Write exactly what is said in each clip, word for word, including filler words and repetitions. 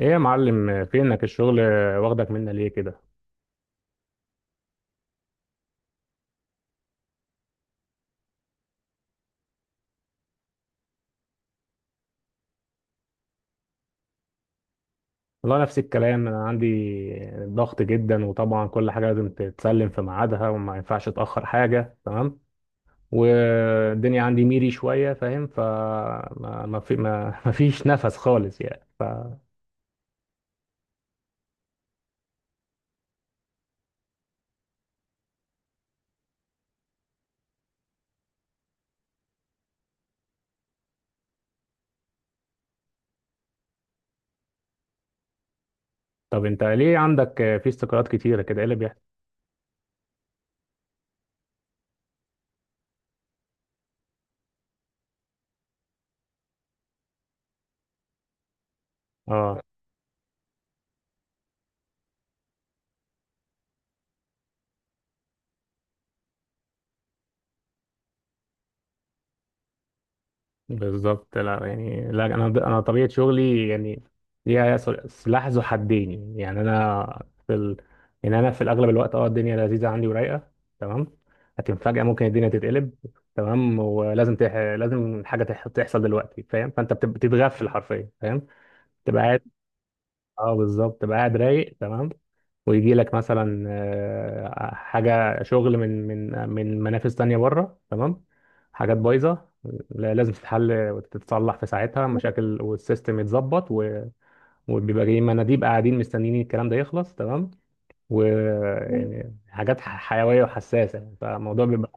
ايه يا معلم، فينك الشغل؟ واخدك منا ليه كده؟ والله نفس الكلام انا عندي. ضغط جدا، وطبعا كل حاجه لازم تتسلم في ميعادها وما ينفعش اتاخر حاجه، تمام. والدنيا عندي ميري شويه، فاهم؟ فما ما ما في ما ما فيش نفس خالص يعني ف... طب انت ليه عندك في استقالات كتيره كده؟ ايه اللي بيحصل؟ اه بالظبط. لا يعني لا، انا انا طبيعه شغلي يعني ليها سلاح ذو حدين. يعني انا في ال... يعني انا في الاغلب الوقت اه الدنيا لذيذه عندي ورايقه، تمام. لكن فجاه ممكن الدنيا تتقلب، تمام. ولازم تح... لازم حاجه تح... تحصل دلوقتي، فاهم؟ فانت بتب- بتتغفل حرفيا، فاهم؟ تبقى قاعد. اه بالظبط، تبقى قاعد رايق تمام. ويجي لك مثلا آه، حاجة شغل من من من منافس تانية بره، تمام. حاجات بايظة لا- لازم تتحل وتتصلح في ساعتها مشاكل والسيستم يتظبط و- وبيبقى جاي مناديب قاعدين مستنيين الكلام ده يخلص، تمام. و يعني حاجات ح- حيوية وحساسة، يعني فالموضوع بيبقى.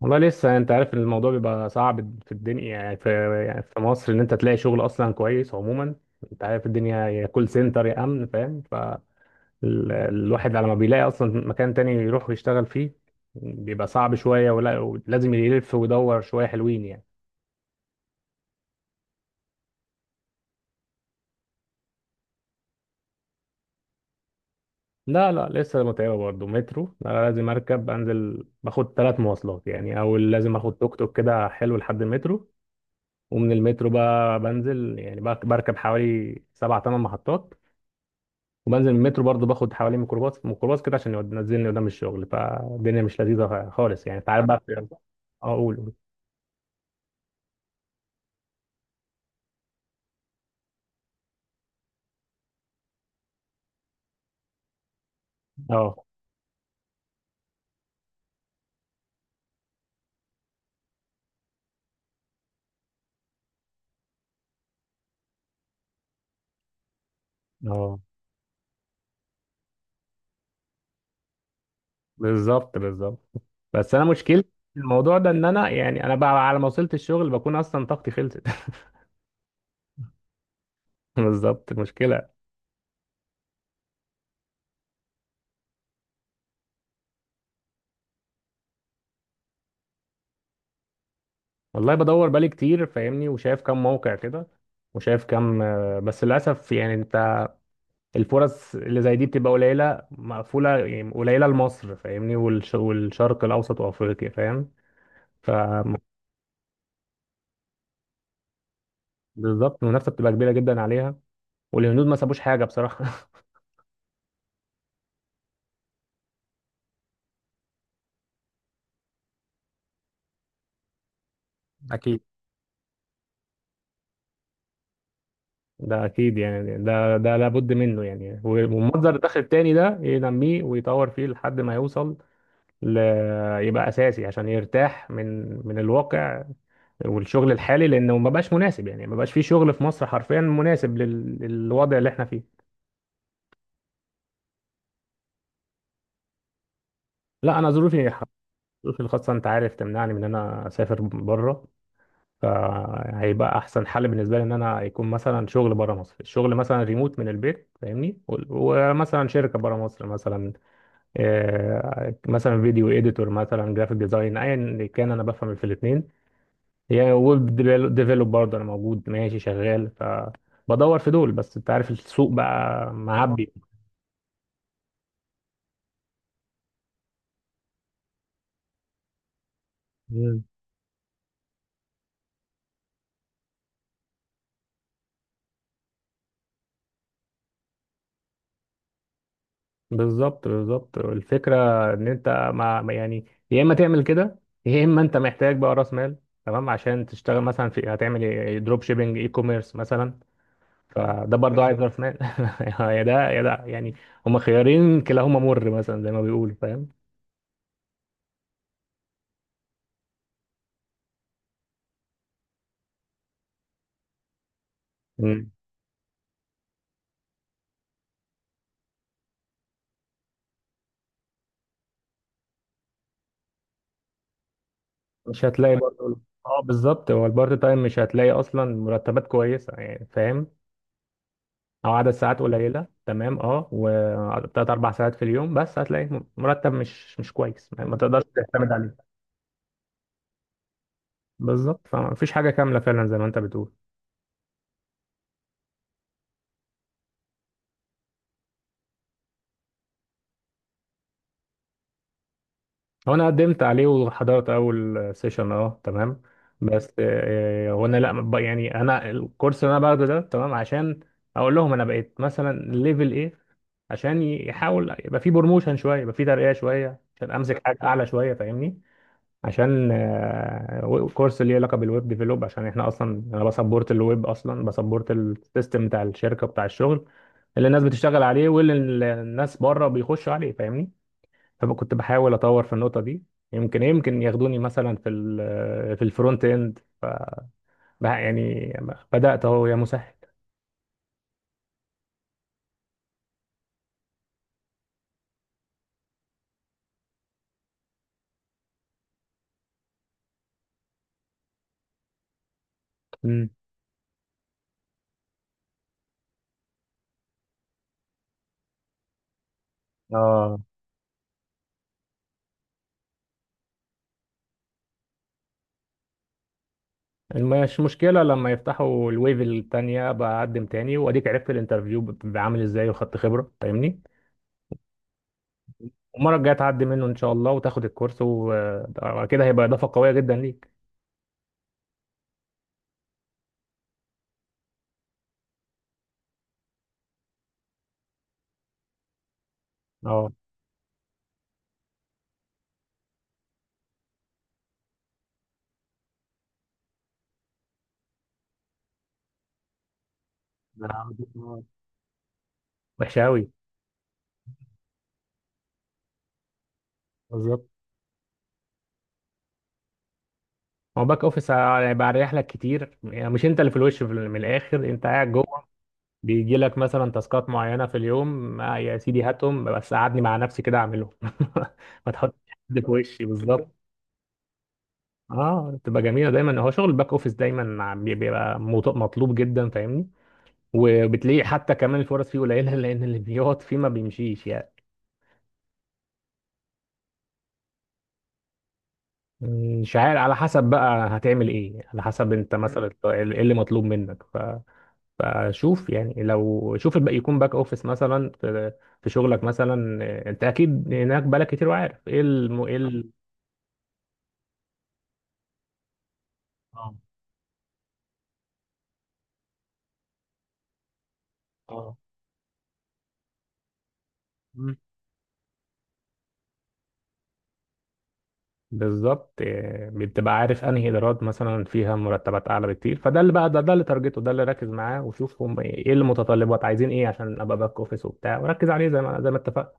والله لسه، انت عارف الموضوع بيبقى صعب في الدنيا، يعني في يعني في مصر ان انت تلاقي شغل اصلا كويس عموما. انت عارف الدنيا، يا كول سنتر يا امن، فاهم؟ ال- الواحد على ما بيلاقي اصلا مكان تاني يروح يشتغل فيه بيبقى صعب شوية، ولا ولازم يلف ويدور شوية حلوين يعني. لا لا لسه متعبة برضه. مترو، انا لازم اركب انزل، باخد ثلاث مواصلات يعني، او لازم اخد توك توك كده حلو لحد المترو. ومن المترو بقى بنزل يعني بق- بركب حوالي سبع ثمان محطات. وبنزل من المترو برضه باخد حوالي ميكروباص ميكروباص كده عشان يود- ينزلني قدام الشغل. فالدنيا مش لذيذة خالص يعني. تعال بقى في- اقول. اه. اه بالظبط، بالظبط. بس انا مشكلتي في الموضوع ده ان انا يعني انا بقى على ما وصلت الشغل بكون اصلا طاقتي خلصت. بالظبط مشكله. والله بدور بالي كتير، فاهمني؟ وشايف كم موقع كده. وشايف كم آه، بس للاسف يعني انت الفرص اللي زي دي بتبقى قليله مقفوله، يعني قليله لمصر، فاهمني؟ والش- والشرق الاوسط وافريقيا، فاهم؟ ف بالظبط. المنافسه بتبقى كبيره جدا عليها. والهنود ما سابوش حاجه بصراحه. اكيد. ده اكيد يعني، ده ده لابد منه يعني. والمنظر الداخل التاني ده ينميه ويطور فيه لحد ما يوصل ل... يبقى اساسي عشان يرتاح من من الواقع والشغل الحالي، لانه ما بقاش مناسب، يعني ما بقاش فيه شغل في مصر حرفيا مناسب لل... للوضع اللي احنا فيه. لا انا ظروفي، ظروفي الخاصه، انت عارف، تمنعني من ان انا اسافر بره. فهيبقى احسن حل بالنسبه لي ان انا يكون مثلا شغل بره مصر، الشغل مثلا ريموت من البيت، فاهمني؟ و- ومثلا شركه بره مصر مثلا. آه، مثلا فيديو اديتور، مثلا جرافيك ديزاين، ايا اللي كان، انا بفهم في الاثنين. يعني ويب ديفلوب برضه انا موجود ماشي شغال. فبدور في دول، بس انت عارف السوق بقى معبي. مم. بالظبط، بالظبط الفكره. ان انت ما ما- يعني يا اما تعمل كده، يا اما انت محتاج بقى راس مال، تمام، عشان تشتغل مثلا في هتعمل دروب شيبنج، اي كوميرس مثلا، فده برضه عايز راس مال. يا ده يا ده يعني، هما خيارين كلاهما مر مثلا زي ما بيقولوا، فاهم؟ مش هتلاقي برضه. اه بالظبط، هو البارت تايم مش هتلاقي اصلا مرتبات كويسه يعني، فاهم؟ او عدد ساعات قليله، تمام. اه، وثلاث اربع ساعات في اليوم، بس هتلاقي م- مرتب مش مش كويس، يعني ما تقدرش تعتمد عليه. بالظبط، فمفيش حاجه كامله فعلا زي ما انت بتقول. هو انا قدمت عليه وحضرت اول سيشن، اه، تمام. بس آه، آه، هو انا لا ب- يعني انا الكورس اللي انا باخده ده، تمام، عشان اقول لهم انا بقيت مثلا ليفل ايه، عشان يحاول يبقى في بروموشن شويه، يبقى في ترقيه شويه، عشان امسك حاجه اعلى شويه، فاهمني؟ عشان آه، و- كورس اللي ليه علاقه بالويب ديفلوب، عشان احنا اصلا انا بسبورت الويب، اصلا بسبورت السيستم بتاع الشركه بتاع الشغل اللي الناس بتشتغل عليه، واللي ال- الناس بره بيخشوا عليه، فاهمني؟ فكنت بحاول اطور في النقطه دي. يمكن يمكن ياخدوني مثلا في ال- في الفرونت اند. ف بح- يعني بدات، اهو يا مسهل. مم. اه، مش مشكلة. لما يفتحوا الويف التانية بقدم تاني، واديك عرفت الانترفيو بيبقى عامل ازاي، وخدت خبرة، فاهمني؟ المرة الجاية تعدي منه ان شاء الله، وتاخد الكورس، وكده هيبقى اضافة قوية جدا ليك. اه وحشة أوي. بالظبط، هو باك اوفيس هيبقى اريح لك كتير يعني. مش انت اللي في الوش، في ال- من الاخر انت قاعد جوه. بيجي لك مثلا تاسكات معينه في اليوم، آه يا سيدي هاتهم، بس قعدني مع نفسي كده اعملهم. ما تحطش حد في وشي، بالظبط. اه، بتبقى جميله دايما. هو شغل الباك اوفيس دايما عم- بيبقى مط- مطلوب جدا، فاهمني؟ وبتلاقي حتى كمان الفرص فيه قليله، لان اللي بيقعد فيه ما بيمشيش يعني. مش عارف، على حسب بقى هتعمل ايه، على حسب انت مثلا مم. ايه اللي مطلوب منك ف... فشوف يعني، لو شوف الباقي يكون باك اوفيس مثلا في... في شغلك مثلا. انت اكيد هناك بالك كتير وعارف ايه الم... ايه ال... اه آه. بالظبط. إيه، بتبقى عارف انهي ادارات مثلا فيها مرتبات اعلى بكتير. فده اللي بقى ده, ده اللي تارجته، ده اللي ركز معاه، وشوف هم ايه إيه المتطلبات عايزين ايه عشان ابقى باك اوفيس وبتاع، وركز عليه زي ما زي ما اتفقنا.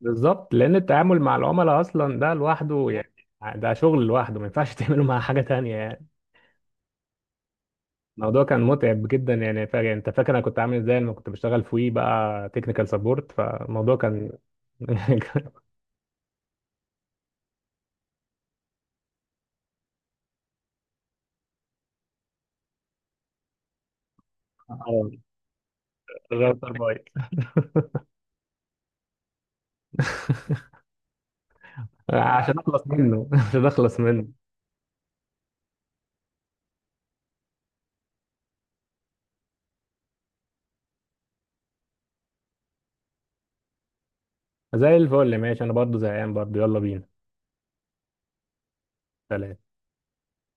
بالظبط، لان التعامل مع العملاء اصلا ده لوحده يعني. آه، ده شغل لوحده ما ينفعش تعمله مع حاجه تانية يعني. الموضوع كان متعب جدا يعني. فا- يعني انت فاكر انا كنت عامل ازاي لما كنت بشتغل في وي بقى تكنيكال سبورت، فالموضوع كان غلط بايظ. عشان اخلص منه. عشان اخلص منه. زي الفل ماشي، انا برضو زهقان برضو، يلا بينا. سلام.